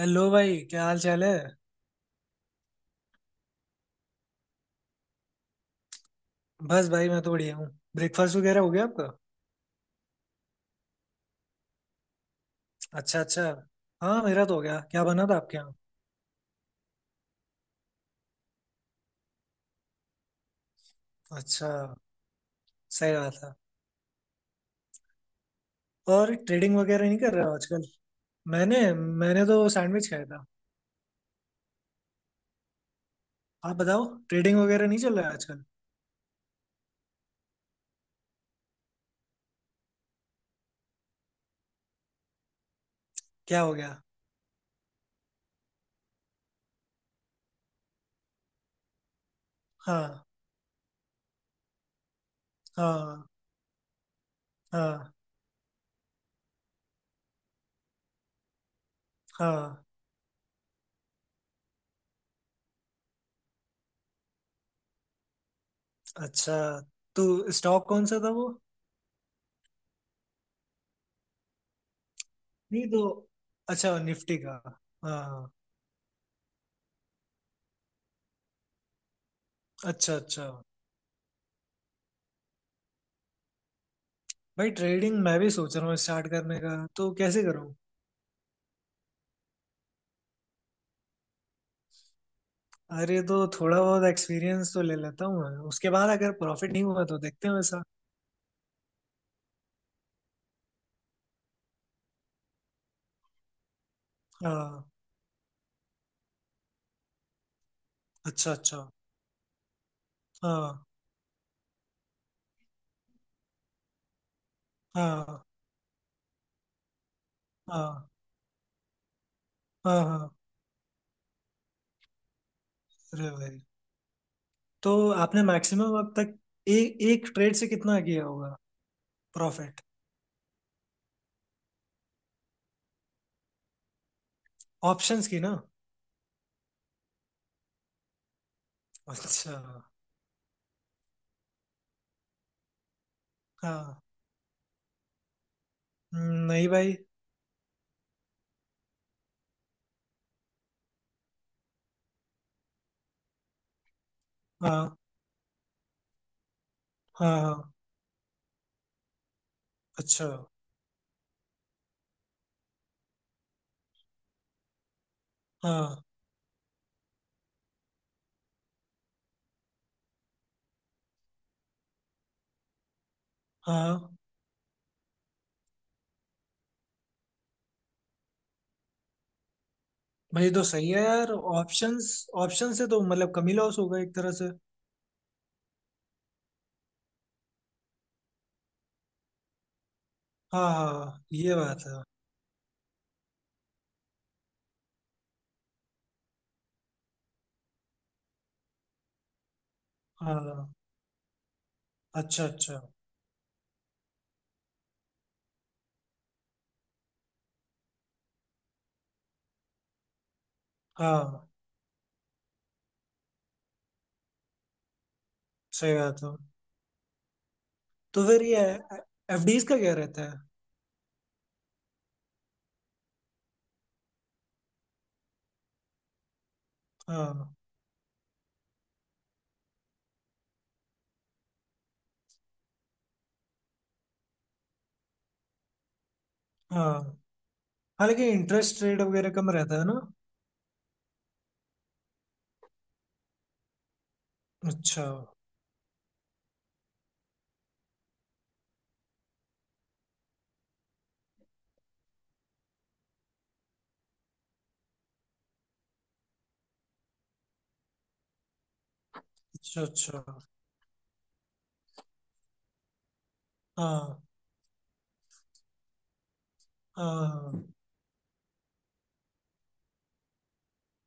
Hello भाई, क्या हाल चाल है। बस भाई मैं तो बढ़िया हूँ। ब्रेकफास्ट वगैरह हो गया आपका? अच्छा, अच्छा। हाँ, मेरा तो हो गया। क्या बना था आपके यहाँ? अच्छा, सही बात है। और ट्रेडिंग वगैरह नहीं कर रहे हो आजकल? मैंने मैंने तो सैंडविच खाया था। आप बताओ, ट्रेडिंग वगैरह नहीं चल रहा है आजकल? क्या हो गया? हाँ। हाँ। हाँ। हाँ। अच्छा, तो स्टॉक कौन सा था वो? नहीं तो। अच्छा, निफ्टी का। हाँ। अच्छा, अच्छा। भाई, ट्रेडिंग मैं भी सोच रहा हूँ स्टार्ट करने का, तो कैसे करूँ? अरे, तो थोड़ा बहुत एक्सपीरियंस तो ले लेता हूँ मैं, उसके बाद अगर प्रॉफिट नहीं हुआ तो देखते हैं वैसा। हाँ। अच्छा, अच्छा। हाँ। हाँ। हाँ। हाँ। हाँ। अरे भाई, तो आपने मैक्सिमम अब तक ए, एक ट्रेड से कितना किया होगा प्रॉफिट? ऑप्शंस की ना? अच्छा। हाँ, नहीं भाई। हाँ, हाँ। हाँ। अच्छा। हाँ। हाँ। भाई, तो सही है यार ऑप्शंस। ऑप्शन से तो मतलब कमी लॉस होगा एक तरह से। हाँ, हाँ, हाँ, ये बात है। हाँ। अच्छा, अच्छा। हाँ। सही बात है। तो फिर ये एफडीज का क्या रहता है? हाँ। हाँ, हाँ लेकिन इंटरेस्ट रेट वगैरह कम रहता है ना? अच्छा। अच्छा, अच्छा। हाँ। हाँ,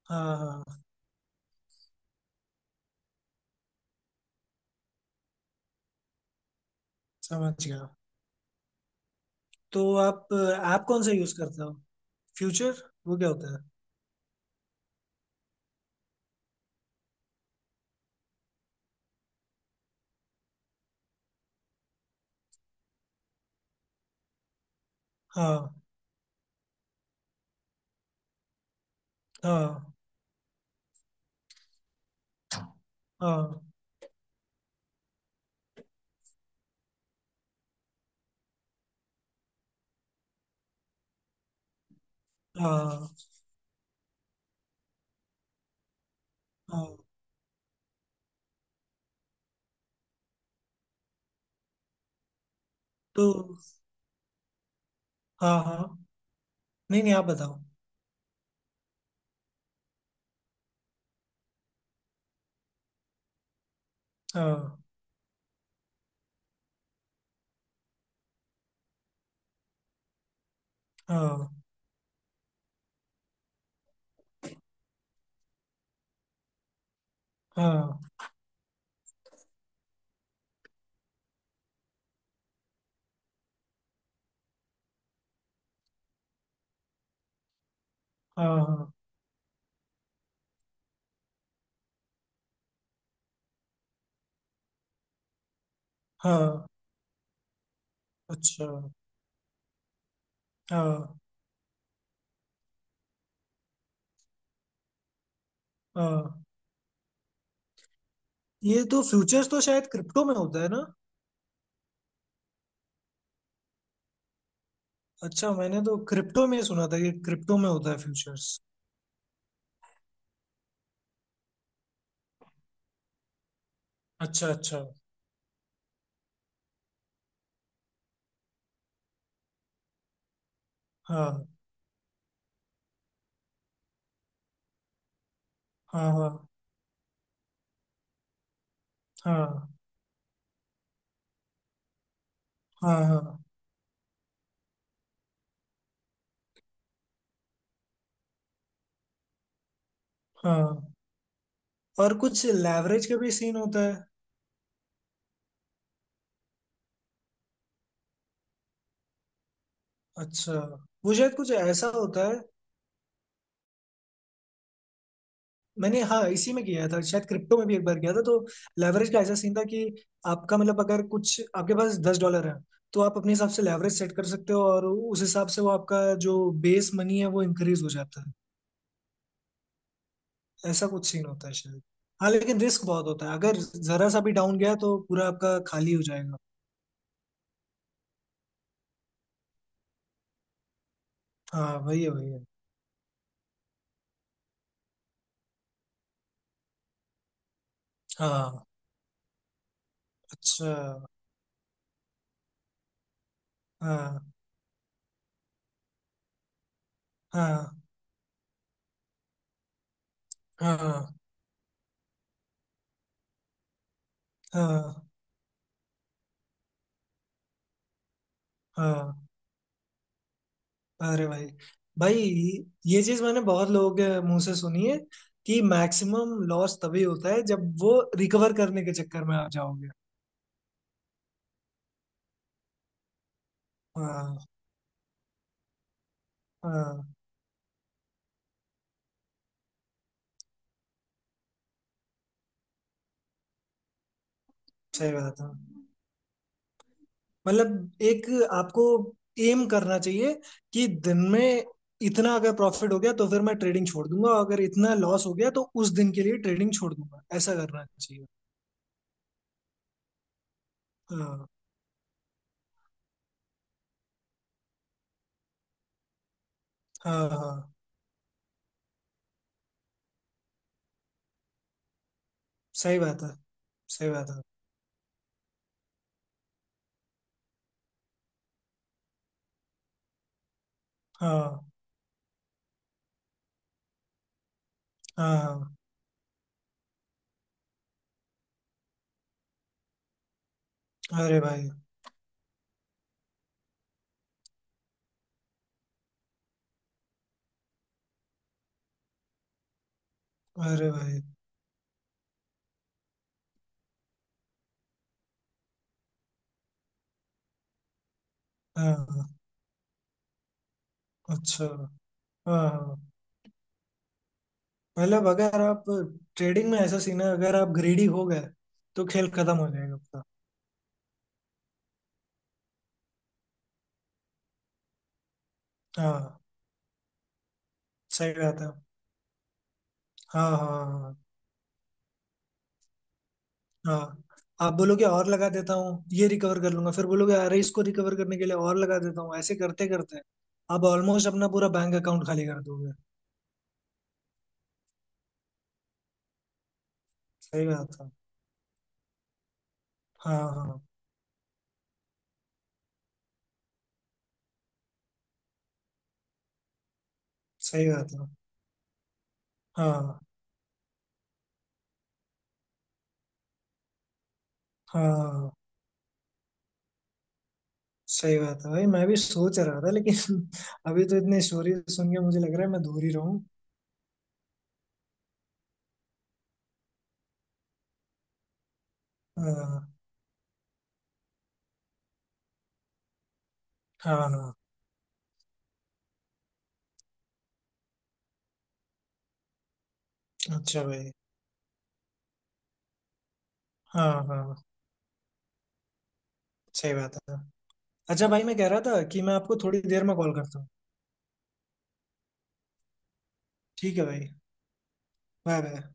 हाँ, हाँ। समझ गया। तो आप कौन सा यूज करते हो? फ्यूचर वो क्या होता है? हाँ। हाँ। हाँ। हाँ। हाँ। तो हाँ, हाँ, नहीं नहीं आप बताओ। हाँ। हाँ। हाँ। हाँ। हाँ। हाँ। अच्छा। हाँ। हाँ। ये तो फ्यूचर्स तो शायद क्रिप्टो में होता है ना? अच्छा, मैंने तो क्रिप्टो में सुना था कि क्रिप्टो में होता है फ्यूचर्स। अच्छा, अच्छा। हाँ। हाँ, हाँ। हाँ। हाँ। हाँ, हाँ। और कुछ लेवरेज का भी सीन होता है? अच्छा, वो शायद कुछ ऐसा होता है। मैंने, हाँ, इसी में किया था, शायद क्रिप्टो में भी एक बार किया था तो लेवरेज का ऐसा सीन था कि आपका मतलब अगर कुछ आपके पास 10 डॉलर है, तो आप अपने हिसाब से लेवरेज सेट कर सकते हो और उस हिसाब से वो आपका जो बेस मनी है वो इंक्रीज हो जाता है। ऐसा कुछ सीन होता है शायद। हाँ, लेकिन रिस्क बहुत होता है, अगर जरा सा भी डाउन गया तो पूरा आपका खाली हो जाएगा। हाँ वही है, वही है। हाँ। अच्छा। हाँ। हाँ। हाँ। हाँ। हाँ। अरे भाई। भाई, ये चीज मैंने बहुत लोगों के मुंह से सुनी है कि मैक्सिमम लॉस तभी होता है जब वो रिकवर करने के चक्कर में आ जाओगे। हाँ, हाँ। सही बात है। मतलब एक आपको एम करना चाहिए कि दिन में इतना अगर प्रॉफिट हो गया तो फिर मैं ट्रेडिंग छोड़ दूंगा, और अगर इतना लॉस हो गया तो उस दिन के लिए ट्रेडिंग छोड़ दूंगा, ऐसा करना चाहिए। हाँ, हाँ, हाँ। सही बात है, सही बात है। हाँ, हाँ, हाँ। अरे भाई। अरे भाई। हाँ, हाँ, अच्छा। हाँ, हाँ। मतलब अगर आप ट्रेडिंग में ऐसा सीन है, अगर आप ग्रीडी हो गए तो खेल खत्म हो जाएगा आपका। हाँ। सही बात है। हाँ, हाँ, हाँ, हाँ। आप बोलोगे और लगा देता हूँ ये रिकवर कर लूंगा, फिर बोलोगे अरे इसको रिकवर करने के लिए और लगा देता हूँ, ऐसे करते करते आप ऑलमोस्ट अपना पूरा बैंक अकाउंट खाली कर दोगे। सही बात है। हाँ, हाँ। सही बात है। हाँ, हाँ। सही बात है भाई, मैं भी सोच रहा था लेकिन अभी तो इतनी स्टोरी सुन के मुझे लग रहा है मैं दूर ही रहूँ। हाँ, हाँ, हाँ, अच्छा भाई। हाँ, हाँ। सही बात है। अच्छा भाई, मैं कह रहा था कि मैं आपको थोड़ी देर में कॉल करता हूँ। ठीक है भाई। Bye bye.